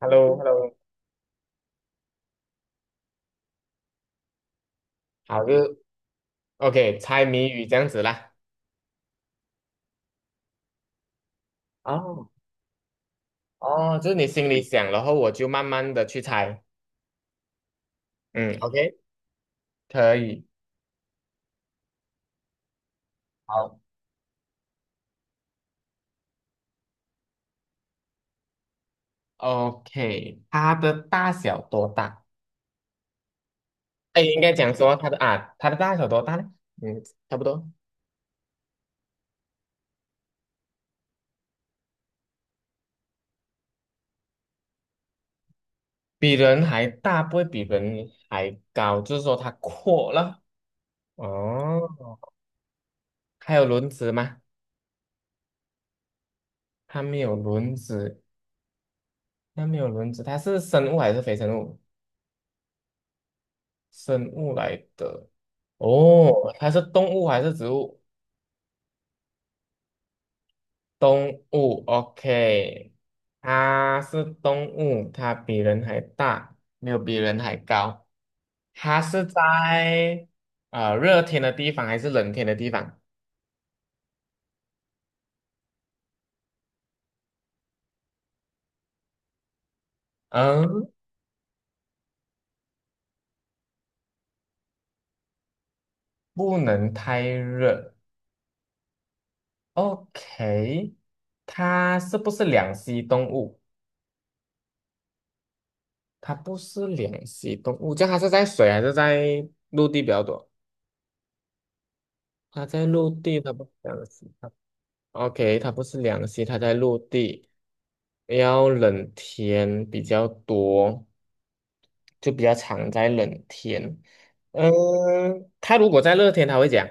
h e l l o hello 好，就是 OK，猜谜语这样子啦。哦，哦，就是你心里想，然后我就慢慢的去猜。嗯，OK，可以。好，OK，它的大小多大？哎，应该讲说它的大小多大呢？嗯，差不多，比人还大，不会比人还高，就是说它阔了。哦，还有轮子吗？它没有轮子，它没有轮子，它是生物还是非生物？生物来的。哦，它是动物还是植物？动物，OK，它是动物，它比人还大，没有比人还高。它是在热天的地方还是冷天的地方？嗯，不能太热。OK，它是不是两栖动物？它不是两栖动物，这样它是在水还是在陆地比较多？它在陆地，它不是两栖，OK，它不是两栖，它在陆地，要冷天比较多，就比较常在冷天。嗯，它如果在热天，它会讲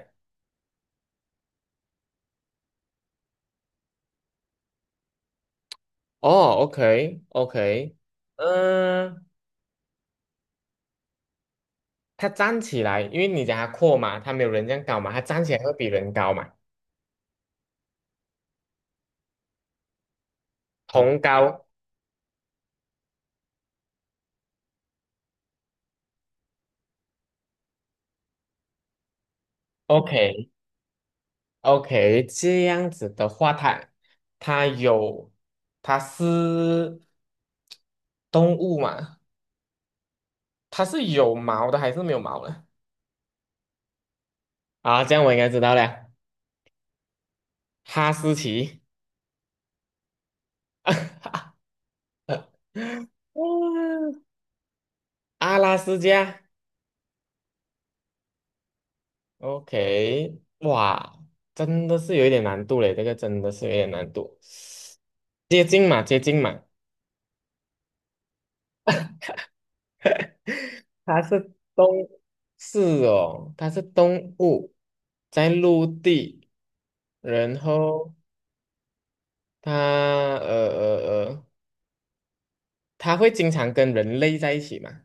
哦，OK OK，嗯，它站起来，因为你讲它阔嘛，它没有人这样高嘛，它站起来会比人高嘛，同高，OK，OK，这样子的话，它有它是动物嘛？它是有毛的还是没有毛的？啊，这样我应该知道了，哈士奇，嗯阿拉斯加。OK，哇，真的是有一点难度嘞，这个真的是有一点难度，接近嘛，接近嘛。它是动，是哦，它是动物，在陆地，然后它它会经常跟人类在一起嘛，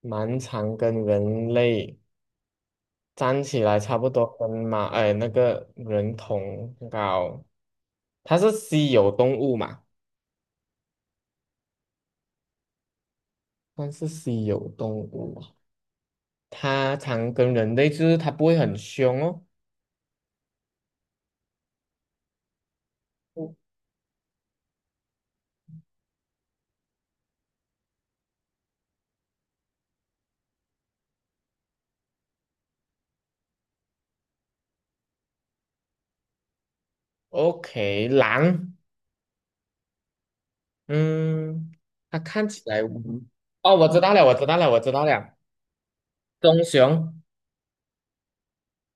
蛮常跟人类站起来，差不多跟那个人同高，它是稀有动物嘛，算是稀有动物啊它常跟人类，就是它不会很凶哦。O- OK，狼。嗯，它看起来无，哦，我知道了，我知道了，我知道了，棕熊，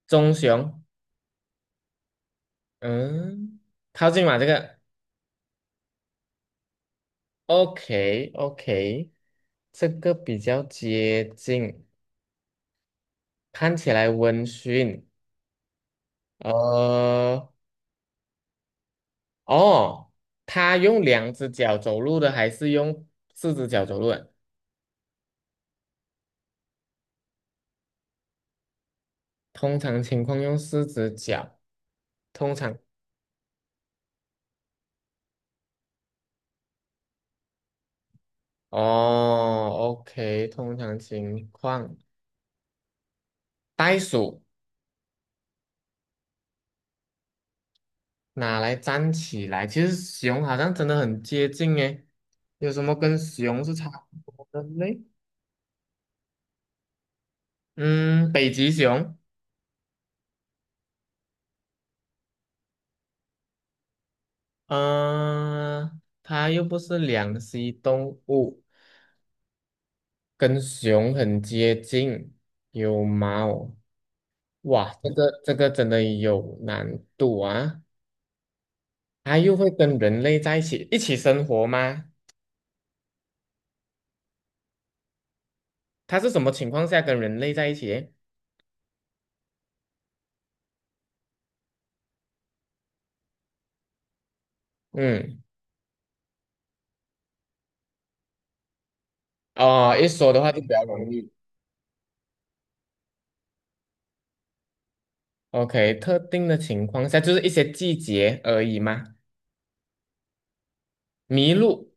棕熊，嗯，靠近嘛，这个，OK，OK，这个比较接近，看起来温驯，呃，哦，它用两只脚走路的还是用四只脚走路的？通常情况用四只脚，哦，OK，通常情况，袋鼠。拿来粘起来？其实熊好像真的很接近诶，有什么跟熊是差不多的嘞？嗯，北极熊，嗯、它又不是两栖动物，跟熊很接近，有毛。哇，这个真的有难度啊！它又会跟人类在一起生活吗？它是什么情况下跟人类在一起？嗯，哦，一说的话就比较容易。OK，特定的情况下就是一些季节而已嘛。麋鹿，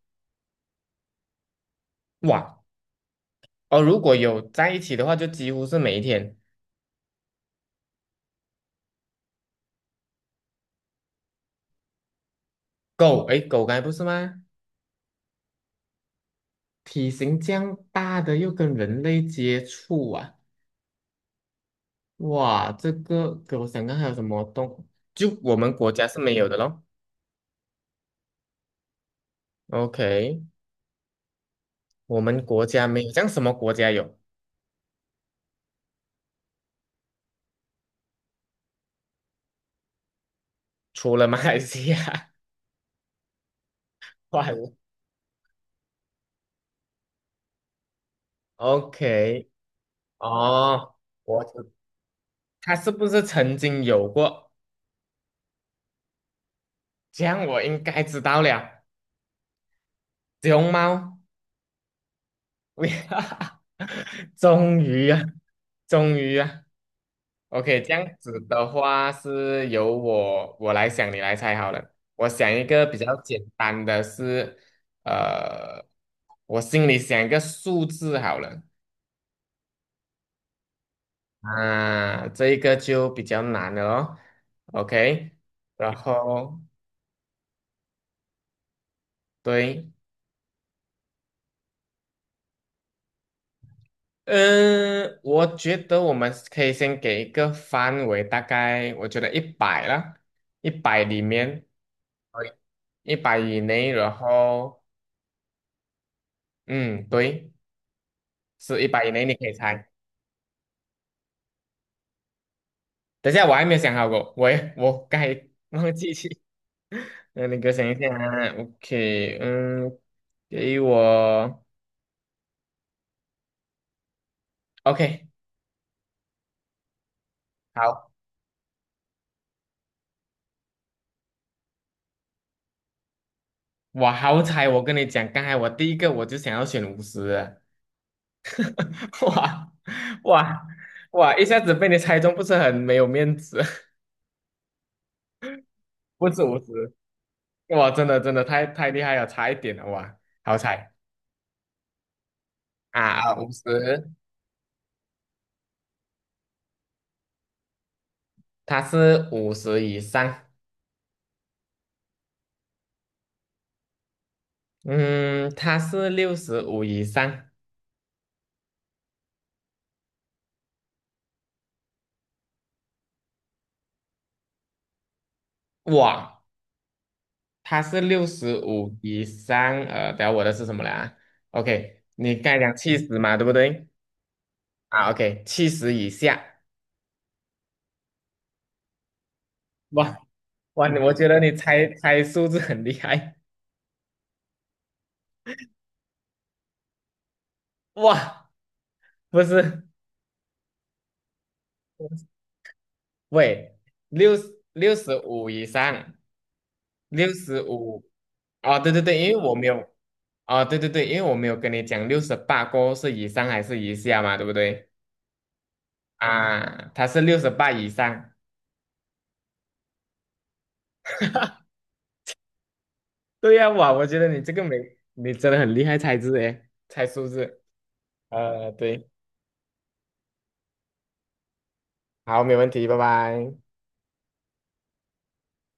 哇，哦，如果有在一起的话，就几乎是每一天。狗，诶，狗该不是吗？体型这样大的又跟人类接触啊，哇，这个给我想看还有什么动，就我们国家是没有的咯。OK，我们国家没有，这样什么国家有？除了马来西亚，怪 OK，哦，我知它是不是曾经有过？这样我应该知道了，熊猫，哈，终于啊，终于啊，OK，这样子的话是由我来想，你来猜好了。我想一个比较简单的是，呃，我心里想一个数字好了，啊，这一个就比较难了哦，OK，然后对，嗯，我觉得我们可以先给一个范围，大概我觉得一百啦，一百里面，一百以内，然后嗯，对，是一百以内，你可以猜。等一下，我还没有想好过，我该忘记去。那你给我想一下 o k 嗯，给我 OK，好，我好彩，我跟你讲，刚才我第一个我就想要选五十，哇哇哇！一下子被你猜中，不是很没有面子，不止50，哇，真的真的太厉害了，差一点了哇，好猜啊，五十，它是五十以上，嗯，它是六十五以上，哇，它是六十五以上，呃，等下我的是什么来啊？OK，你刚才讲七十嘛，对不对？啊，OK，七十以下，哇哇，你我觉得你猜猜数字很厉害，哇，不是。喂，六六十五以上，六十五啊，对对对，因为我没有啊，对对对，因为我没有跟你讲六十八过后是以上还是以下嘛，对不对？啊，他是六十八以上。对呀，哇，我觉得你这个没，你真的很厉害猜字诶，猜数字。呃，对，好，没问题，拜拜。